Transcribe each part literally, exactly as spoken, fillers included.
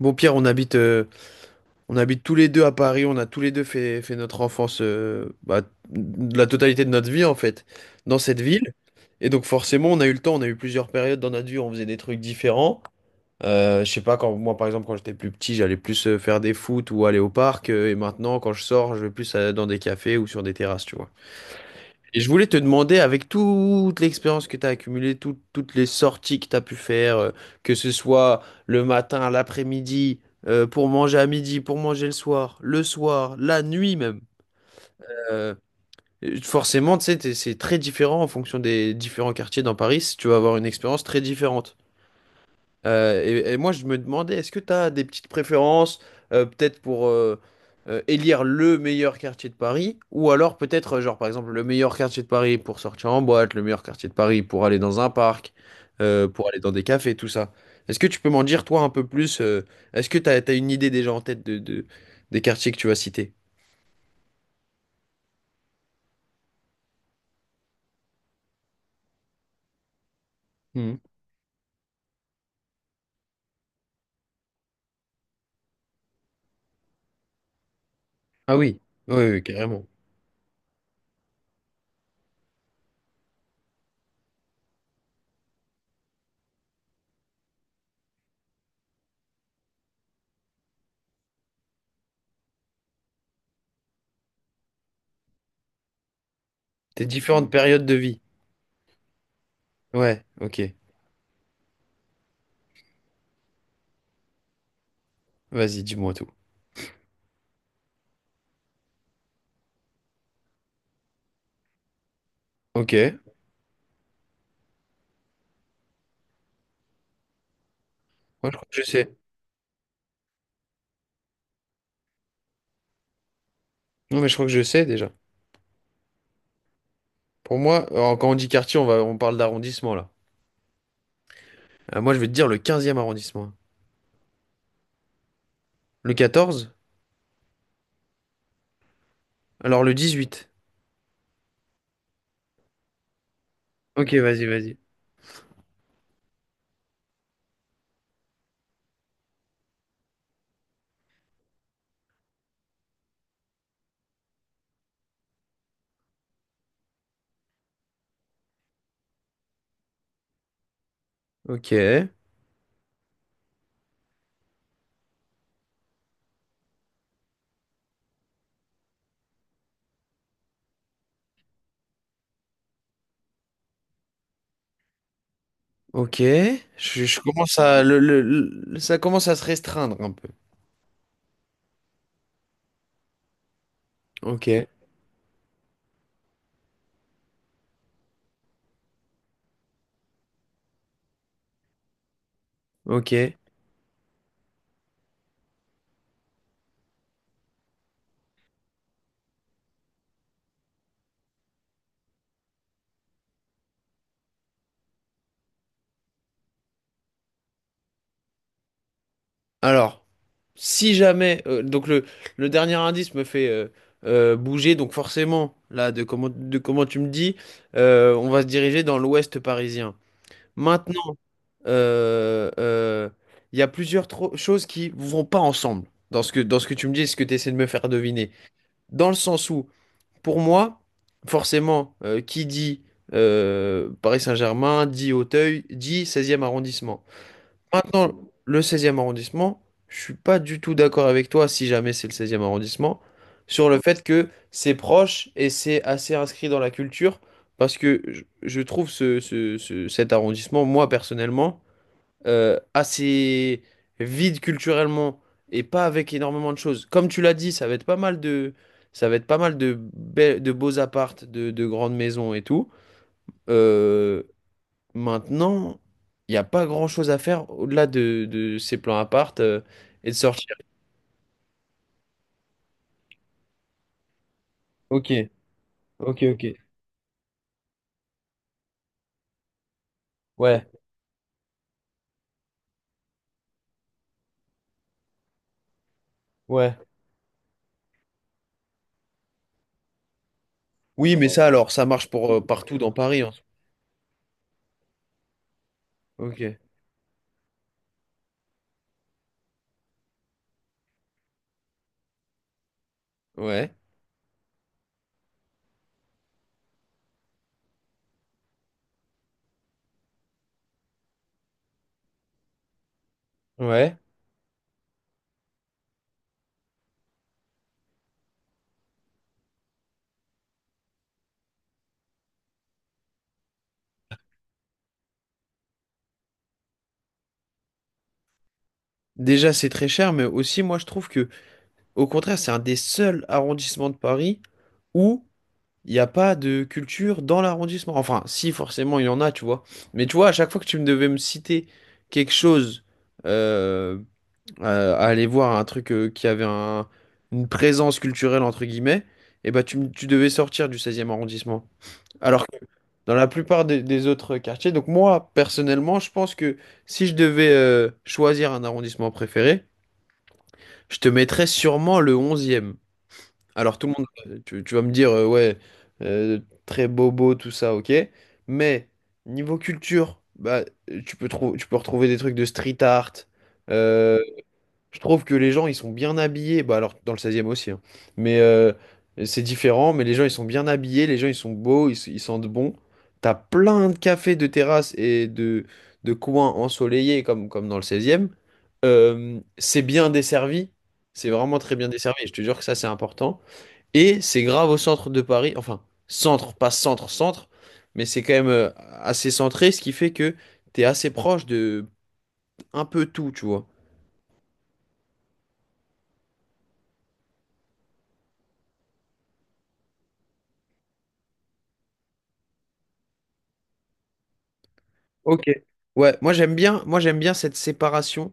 Bon, Pierre, on habite, euh, on habite tous les deux à Paris. On a tous les deux fait, fait notre enfance, euh, bah, de la totalité de notre vie en fait, dans cette ville. Et donc forcément, on a eu le temps, on a eu plusieurs périodes dans notre vie où on faisait des trucs différents. Euh, je sais pas, quand moi par exemple, quand j'étais plus petit, j'allais plus euh, faire des foot ou aller au parc. euh, et maintenant, quand je sors, je vais plus euh, dans des cafés ou sur des terrasses, tu vois. Et je voulais te demander, avec toute l'expérience que tu as accumulée, tout- toutes les sorties que tu as pu faire, euh, que ce soit le matin, à l'après-midi, euh, pour manger à midi, pour manger le soir, le soir, la nuit même. euh, euh, Forcément, tu sais, t'es- c'est très différent en fonction des différents quartiers dans Paris. Tu vas avoir une expérience très différente. Euh, et, et moi, je me demandais, est-ce que tu as des petites préférences, euh, peut-être pour euh, euh, élire le meilleur quartier de Paris, ou alors peut-être, euh, genre par exemple, le meilleur quartier de Paris pour sortir en boîte, le meilleur quartier de Paris pour aller dans un parc, euh, pour aller dans des cafés, tout ça. Est-ce que tu peux m'en dire, toi, un peu plus, euh, est-ce que tu as, une idée déjà en tête de, de- des quartiers que tu vas citer? Hmm. Ah oui, oui, oui, carrément. Tes différentes périodes de vie. Ouais, ok. Vas-y, dis-moi tout. Ok, moi je crois que je sais. Non, mais je crois que je sais déjà. Pour moi, alors, quand on dit quartier, on va, on parle d'arrondissement là. Euh, moi, je vais te dire le quinzième arrondissement. Le quatorze. Alors le dix-huit. Ok, vas-y, vas-y. Ok, ok. Je, je commence à le, le- le- ça commence à se restreindre un peu. Ok, ok. Alors, si jamais, euh, donc le, le dernier indice me fait euh, euh, bouger, donc forcément, là, de comment, de comment tu me dis, euh, on va se diriger dans l'ouest parisien. Maintenant. Euh, euh, Il y a plusieurs tro- choses qui vont pas ensemble dans ce que, dans ce que tu me dis et ce que tu essaies de me faire deviner. Dans le sens où, pour moi, forcément, euh, qui dit euh, Paris Saint-Germain, dit Auteuil, dit seizième arrondissement. Maintenant, le seizième arrondissement, je suis pas du tout d'accord avec toi, si jamais c'est le seizième arrondissement, sur le fait que c'est proche et c'est assez inscrit dans la culture, parce que je, je trouve ce, ce- ce- cet arrondissement, moi personnellement, euh, assez vide culturellement et pas avec énormément de choses. Comme tu l'as dit, ça va être pas mal de, ça va être pas mal de, be- de beaux appartes, de, de grandes maisons et tout. Euh, maintenant, il n'y a pas grand-chose à faire au-delà de, de ces plans appart euh, et de sortir. Ok, ok, ok. Ouais, ouais. Oui, mais ça alors, ça marche pour euh, partout dans Paris en soi. Ok, ouais, ouais. Déjà, c'est très cher, mais aussi, moi, je trouve que, au contraire, c'est un des seuls arrondissements de Paris où il n'y a pas de culture dans l'arrondissement. Enfin, si, forcément, il y en a, tu vois. Mais tu vois, à chaque fois que tu me devais me citer quelque chose, euh, euh, à aller voir un truc euh, qui avait un- une présence culturelle, entre guillemets, et bah, tu, me- tu devais sortir du seizième arrondissement. Alors que dans la plupart des, des autres quartiers, donc moi, personnellement, je pense que si je devais euh, choisir un arrondissement préféré, je te mettrais sûrement le onzième. Alors tout le monde, euh, tu, tu vas me dire, euh, ouais, euh, très bobo, tout ça, ok. Mais niveau culture, bah, tu peux trou- tu peux retrouver des trucs de street art. Euh, je trouve que les gens, ils sont bien habillés. Bah, alors dans le seizième aussi, hein. Mais euh, c'est différent. Mais les gens, ils sont bien habillés, les gens, ils sont beaux, ils, s- ils sentent bon. T'as plein de cafés, de terrasses et de, de coins ensoleillés comme, comme dans le seizième. Euh, c'est bien desservi. C'est vraiment très bien desservi. Je te jure que ça, c'est important. Et c'est grave au centre de Paris, enfin, centre, pas centre, centre, mais c'est quand même euh, assez centré, ce qui fait que t'es assez proche de un peu tout, tu vois. Ok. Ouais, moi j'aime bien, moi j'aime bien cette séparation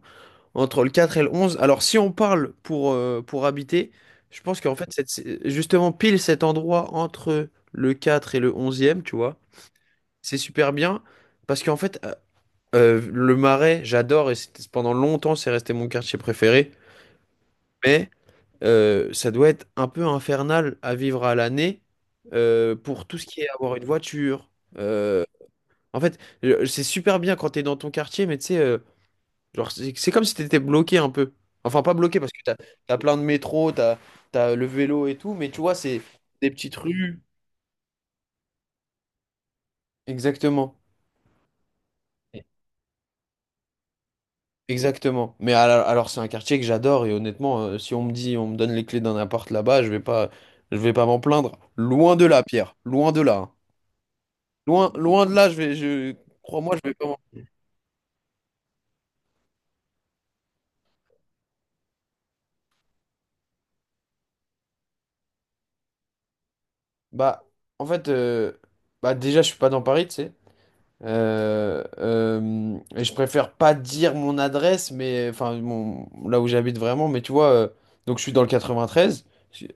entre le quatre et le onze. Alors si on parle pour, euh, pour habiter, je pense qu'en fait, cette, sé- justement, pile cet endroit entre le quatre et le onzième, tu vois, c'est super bien parce qu'en fait, euh, euh, le Marais, j'adore et c'était- pendant longtemps, c'est resté mon quartier préféré. Mais Euh, ça doit être un peu infernal à vivre à l'année euh, pour tout ce qui est avoir une voiture. Euh, en fait, je- c'est super bien quand t'es dans ton quartier, mais tu sais, euh, genre, c'est c'est comme si t'étais bloqué un peu. Enfin, pas bloqué parce que t'as, t'as plein de métro, t'as, t'as le vélo et tout, mais tu vois, c'est des petites rues. Exactement. Exactement. Mais al- alors, c'est un quartier que j'adore et honnêtement, euh, si on me dit, on me donne les clés d'un appart là-bas, je vais pas, je vais pas m'en plaindre. Loin de là, Pierre. Loin de là, hein. Loin, loin de là, je vais, je crois-moi, je vais pas m'en- Bah, en fait, euh, bah déjà, je suis pas dans Paris, tu sais. Euh, euh, et je préfère pas dire mon adresse, mais enfin mon, là où j'habite vraiment, mais tu vois, euh, donc je suis dans le quatre-vingt-treize,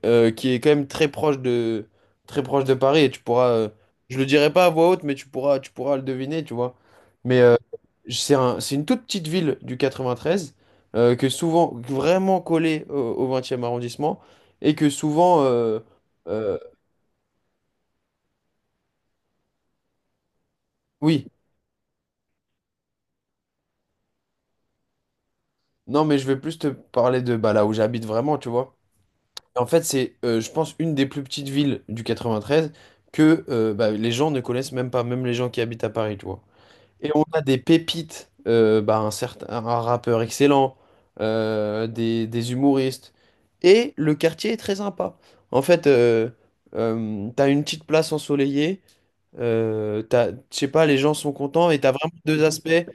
euh, qui est quand même très proche de très proche de Paris, et tu pourras, euh, je le dirai pas à voix haute, mais tu pourras tu pourras le deviner, tu vois. Mais euh, c'est un, c'est une toute petite ville du quatre-vingt-treize euh, que souvent vraiment collée au, au vingtième arrondissement et que souvent, euh, euh, oui, non, mais je vais plus te parler de bah, là où j'habite vraiment, tu vois. En fait, c'est, euh, je pense, une des plus petites villes du quatre-vingt-treize que euh, bah, les gens ne connaissent même pas, même les gens qui habitent à Paris, tu vois. Et on a des pépites, euh, bah, un certain, un rappeur excellent, euh, des, des humoristes. Et le quartier est très sympa. En fait, euh, euh, t'as une petite place ensoleillée, euh, t'as- je sais pas, les gens sont contents et t'as vraiment deux aspects.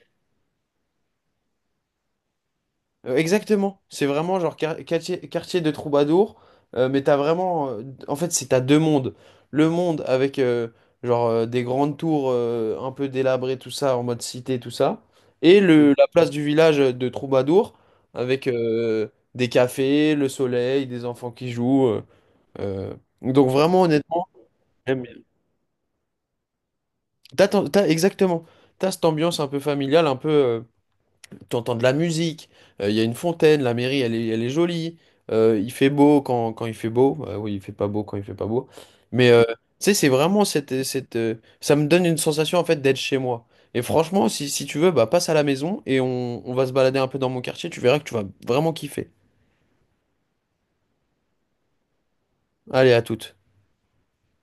Euh, Exactement, c'est vraiment genre quar- quartier, quartier de troubadour, euh, mais t'as vraiment, euh, en fait c'est t'as deux mondes, le monde avec euh, genre euh, des grandes tours euh, un peu délabrées tout ça en mode cité tout ça, et le Mhm. La place du village euh, de troubadour avec euh, des cafés, le soleil, des enfants qui jouent, euh, euh, donc vraiment honnêtement j'aime bien. T'as, ton- t'as- exactement, t'as cette ambiance un peu familiale, un peu euh, tu entends de la musique, euh, il y a une fontaine, la mairie elle est, elle est jolie, euh, il fait beau quand, quand il fait beau. Euh, oui, il fait pas beau quand il fait pas beau, mais euh, tu sais c'est vraiment cette, cette euh, ça me donne une sensation en fait d'être chez moi. Et franchement si, si tu veux bah passe à la maison et on, on va se balader un peu dans mon quartier, tu verras que tu vas vraiment kiffer. Allez à toutes